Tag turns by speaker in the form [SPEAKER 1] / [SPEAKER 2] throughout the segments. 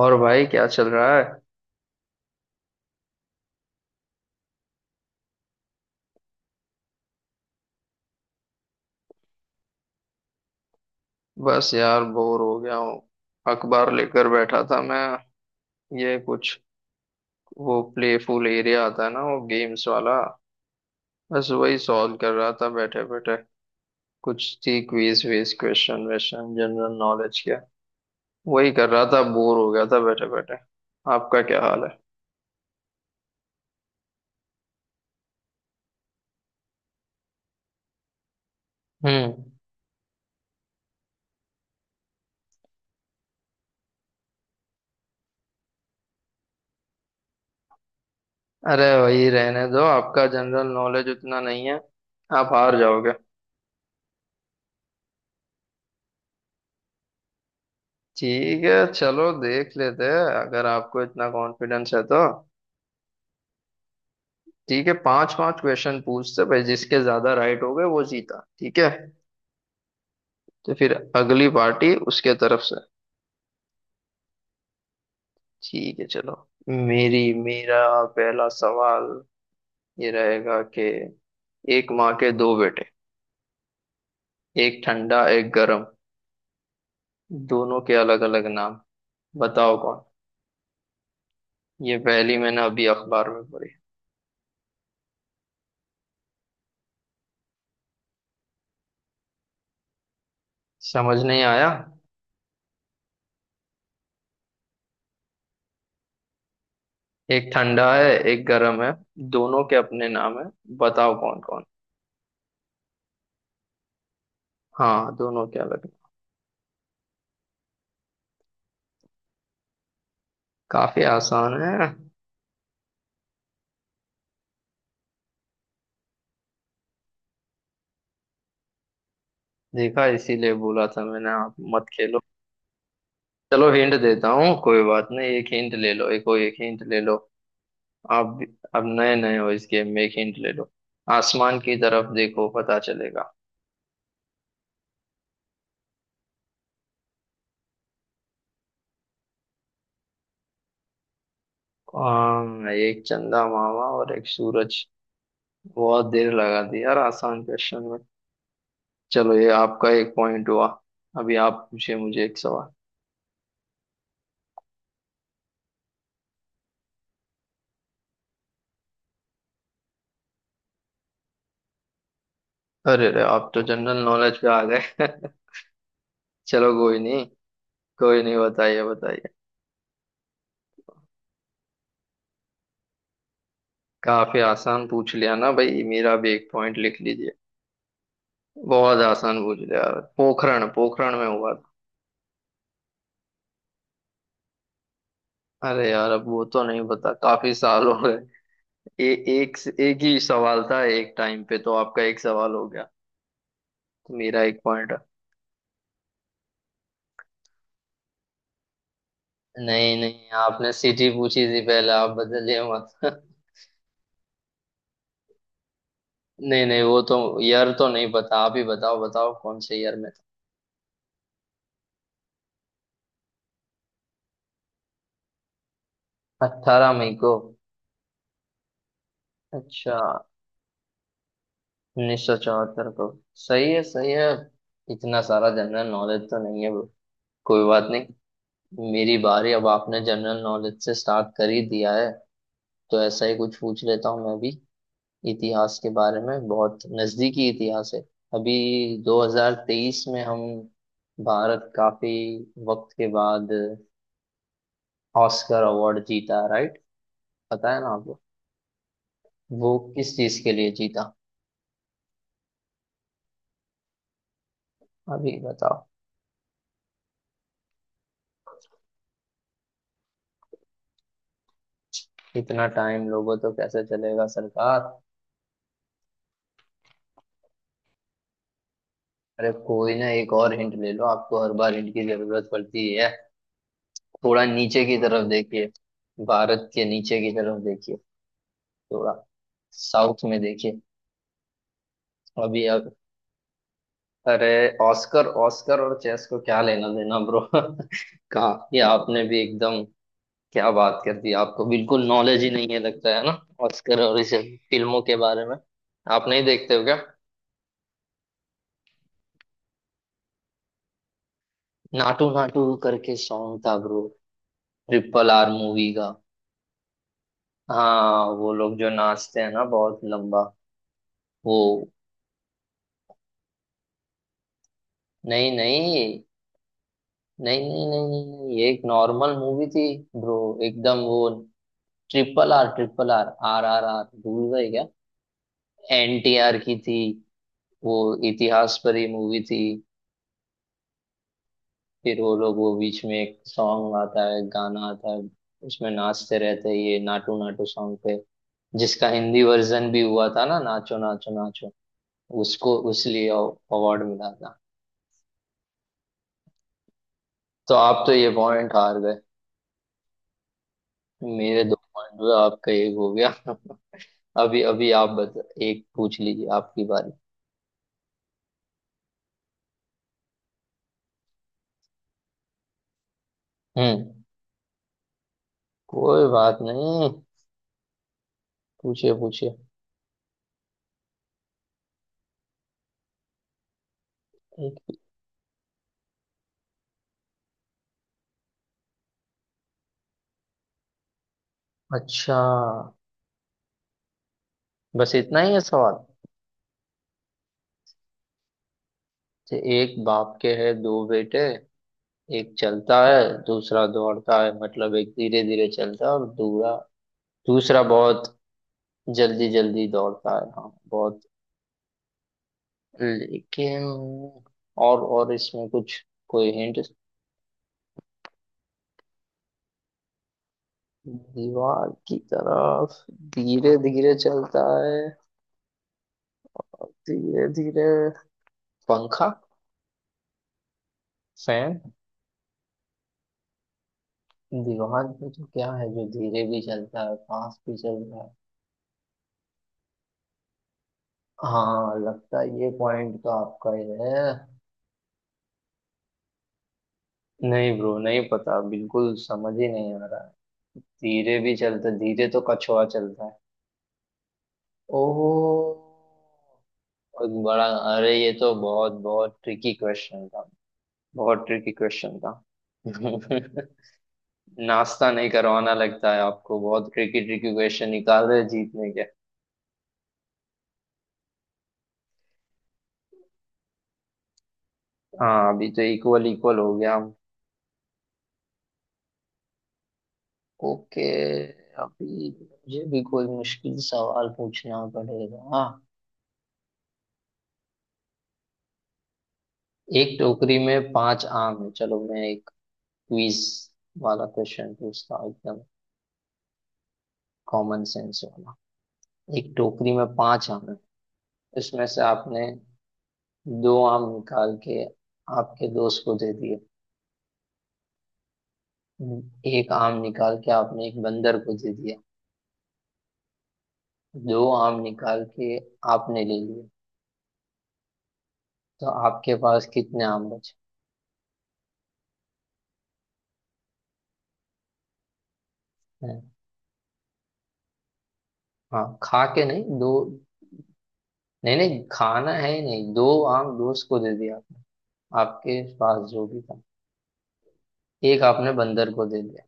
[SPEAKER 1] और भाई क्या चल रहा है? बस यार बोर हो गया हूँ। अखबार लेकर बैठा था मैं। ये कुछ, वो प्लेफुल एरिया आता है ना, वो गेम्स वाला। बस वही सॉल्व कर रहा था बैठे बैठे। कुछ थी क्विज विज क्वेश्चन वेश्चन जनरल नॉलेज के। वही कर रहा था, बोर हो गया था बैठे बैठे। आपका क्या हाल है? हम्म। अरे वही रहने दो, आपका जनरल नॉलेज उतना नहीं है। आप हार जाओगे। ठीक है, चलो देख लेते हैं अगर आपको इतना कॉन्फिडेंस है तो। ठीक है, पांच पांच क्वेश्चन पूछते भाई, जिसके ज्यादा राइट हो गए वो जीता, ठीक है? तो फिर अगली पार्टी उसके तरफ से। ठीक है चलो। मेरी मेरा पहला सवाल ये रहेगा कि एक माँ के दो बेटे, एक ठंडा एक गरम, दोनों के अलग अलग नाम, बताओ कौन। ये पहली मैंने अभी अखबार में पढ़ी। समझ नहीं आया? एक ठंडा है एक गरम है। दोनों के अपने नाम है। बताओ कौन कौन। हाँ दोनों के अलग। काफी आसान है। देखा, इसीलिए बोला था मैंने आप मत खेलो। चलो हिंट देता हूँ, कोई बात नहीं, एक हिंट ले लो, एक और एक हिंट ले लो। आप भी- अब नए नए हो इस गेम में, एक हिंट ले लो। आसमान की तरफ देखो पता चलेगा। आम, एक चंदा मामा और एक सूरज। बहुत देर लगा दी यार आसान क्वेश्चन में। चलो, ये आपका एक पॉइंट हुआ। अभी आप पूछिए मुझे एक सवाल। अरे अरे, आप तो जनरल नॉलेज पे आ गए। चलो कोई नहीं। कोई नहीं, बताइए बताइए। काफी आसान पूछ लिया ना भाई, मेरा भी एक पॉइंट लिख लीजिए। बहुत आसान पूछ लिया। पोखरण पोखरण में हुआ था। अरे यार, अब वो तो नहीं पता, काफी साल हो गए। एक एक ही सवाल था, एक टाइम पे, तो आपका एक सवाल हो गया। तो मेरा एक पॉइंट। नहीं नहीं, आपने सिटी पूछी थी पहले, आप बदलिए मत। नहीं नहीं, वो तो ईयर तो नहीं पता, आप ही बताओ बताओ कौन से ईयर में। था 18 मई को। अच्छा, 1974 को। सही है सही है। इतना सारा जनरल नॉलेज तो नहीं है bro। कोई बात नहीं। मेरी बारी, अब आपने जनरल नॉलेज से स्टार्ट कर ही दिया है, तो ऐसा ही कुछ पूछ लेता हूँ मैं भी। इतिहास के बारे में, बहुत नजदीकी इतिहास है। अभी 2023 में हम भारत काफी वक्त के बाद ऑस्कर अवार्ड जीता, राइट? पता है ना आपको। वो किस चीज के लिए जीता? अभी बताओ। इतना टाइम लोगों तो कैसे चलेगा सरकार। अरे कोई ना, एक और हिंट ले लो, आपको हर बार हिंट की जरूरत पड़ती है। थोड़ा नीचे की तरफ देखिए। भारत के नीचे की तरफ देखिए थोड़ा। साउथ में देखिए। अभी अब, अरे ऑस्कर, ऑस्कर और चेस को क्या लेना देना ब्रो। कहा ये आपने भी एकदम, क्या बात कर दी, आपको बिल्कुल नॉलेज ही नहीं है लगता है ना। ऑस्कर और इस फिल्मों के बारे में आप नहीं देखते हो क्या? नाटू नाटू करके सॉन्ग था ब्रो, ट्रिपल आर मूवी का। हाँ वो लोग जो नाचते हैं ना, बहुत लंबा वो। नहीं नहीं नहीं नहीं नहीं नहीं नहीं, ये एक नॉर्मल मूवी थी ब्रो, एकदम वो, triple R, triple R, R R R भूल गए क्या? एनटीआर की थी वो, इतिहास परी मूवी थी। फिर वो लोग, वो बीच में एक सॉन्ग आता है, गाना आता है, उसमें नाचते रहते हैं ये नाटू नाटू सॉन्ग पे, जिसका हिंदी वर्जन भी हुआ था ना, नाचो नाचो नाचो। उसको उसलिए अवार्ड मिला था। तो आप तो ये पॉइंट हार गए। मेरे दो पॉइंट हुए, आपका एक हो गया। अभी अभी आप बता, एक पूछ लीजिए, आपकी बारी। हम्म। कोई बात नहीं, पूछिए पूछिए। एक- अच्छा। बस इतना ही है सवाल? तो एक बाप के है दो बेटे, एक चलता है, दूसरा दौड़ता है, मतलब एक धीरे धीरे चलता है और दूसरा दूसरा बहुत जल्दी जल्दी दौड़ता है, हाँ बहुत। लेकिन, और इसमें कुछ, कोई हिंट? दीवार की तरफ, धीरे धीरे चलता है और धीरे धीरे, पंखा, फैन। दीवार पे तो क्या है जो धीरे भी चलता है फास्ट भी चलता है। हाँ लगता है ये पॉइंट तो आपका ही है। नहीं ब्रो, नहीं पता, बिल्कुल समझ ही नहीं आ रहा है। धीरे भी चलता है, धीरे तो कछुआ चलता है। ओह। बहुत बड़ा। अरे ये तो बहुत बहुत ट्रिकी क्वेश्चन था। बहुत ट्रिकी क्वेश्चन था। नाश्ता नहीं करवाना लगता है आपको, बहुत ट्रिकी ट्रिकी क्वेश्चन निकाल रहे हैं जीतने के। हाँ, अभी तो इक्वल इक्वल हो गया हम। ओके, अभी मुझे भी कोई मुश्किल सवाल पूछना पड़ेगा, हाँ। एक टोकरी में पांच आम है, चलो मैं एक क्विज वाला क्वेश्चन पूछता हूँ एकदम, कॉमन सेंस वाला। एक टोकरी में पांच आम है, उसमें से आपने दो आम निकाल के आपके दोस्त को दे दिए, एक आम निकाल के आपने एक बंदर को दे दिया, दो आम निकाल के आपने ले लिए, तो आपके पास कितने आम बचे हैं? हाँ, खा के नहीं, दो। नहीं नहीं, खाना है ही नहीं। दो आम दोस्त को दे दिया आपने, आपके पास जो भी था। एक आपने बंदर को दे दिया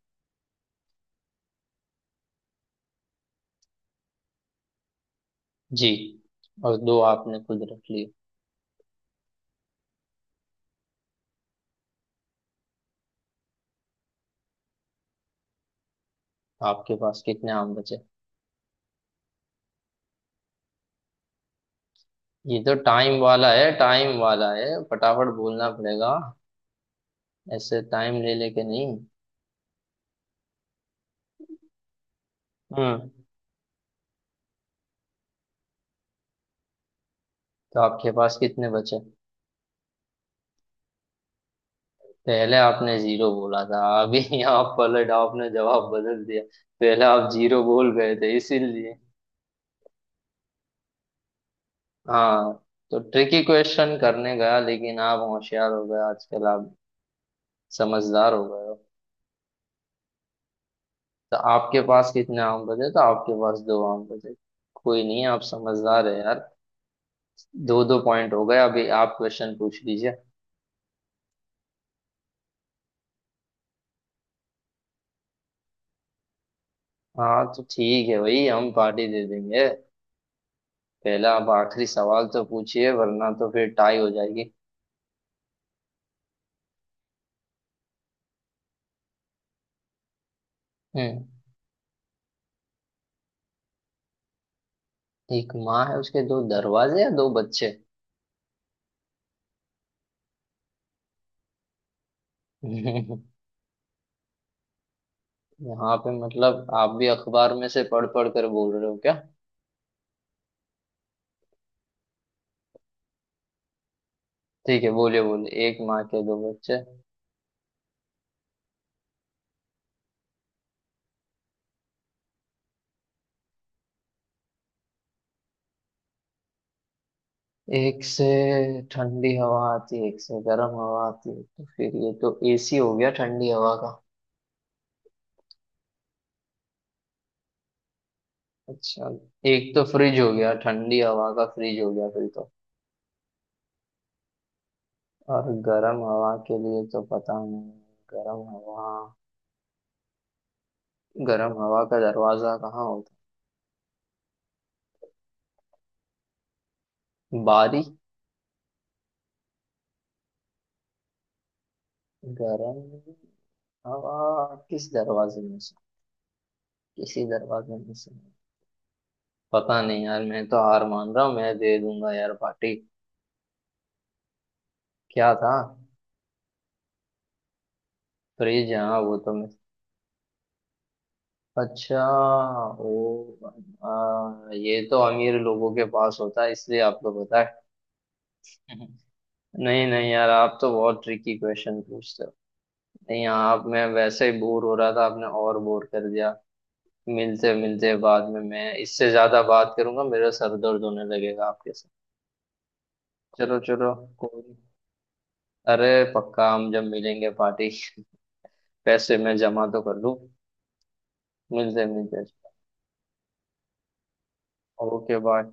[SPEAKER 1] जी, और दो आपने खुद रख लिए। आपके पास कितने आम बचे? ये तो टाइम वाला है, टाइम वाला है, फटाफट बोलना पड़ेगा, ऐसे टाइम ले लेके नहीं। हम्म। तो आपके पास कितने बचे? पहले आपने जीरो बोला था, अभी यहाँ पलट आपने जवाब बदल दिया। पहले आप जीरो बोल गए थे इसीलिए। हाँ। तो ट्रिकी क्वेश्चन करने गया, लेकिन आप होशियार हो गए आजकल, आप समझदार हो गए हो। तो आपके पास कितने आम बचे? तो आपके पास दो आम बचे। कोई नहीं, आप समझदार है यार। दो दो पॉइंट हो गए, अभी आप क्वेश्चन पूछ लीजिए। हाँ तो ठीक है भाई, हम पार्टी दे देंगे। पहले आप आखिरी सवाल तो पूछिए, वरना तो फिर टाई हो जाएगी। हम्म। एक माँ है उसके दो दरवाजे या दो बच्चे? यहाँ पे मतलब आप भी अखबार में से पढ़ पढ़ कर बोल रहे हो क्या? ठीक है, बोलिए बोलिए, एक माँ के दो बच्चे। एक से ठंडी हवा आती है, एक से गर्म हवा आती है, तो फिर ये तो एसी हो गया ठंडी हवा का। अच्छा। एक तो फ्रिज हो गया ठंडी हवा का, फ्रिज हो गया फिर तो। और गर्म हवा के लिए तो पता नहीं। गर्म हवा, गर्म हवा का दरवाजा कहाँ होता है बारी। गर्म हवा किस दरवाजे में से, किसी दरवाजे में से, पता नहीं यार, मैं तो हार मान रहा हूँ, मैं दे दूंगा यार पार्टी। क्या था? फ्रिज, हाँ वो तो मैं। अच्छा। ओ। ये तो अमीर लोगों के पास होता है इसलिए आपको पता है। नहीं नहीं यार, आप तो बहुत ट्रिकी क्वेश्चन पूछते हो। नहीं आप, मैं वैसे ही बोर हो रहा था, आपने और बोर कर दिया। मिलते मिलते बाद में, मैं इससे ज्यादा बात करूंगा मेरा सर दर्द होने लगेगा आपके साथ। चलो चलो, कोई नहीं। अरे पक्का, हम जब मिलेंगे पार्टी। पैसे मैं जमा तो कर लूं। मिलते मिलते। Okay bye.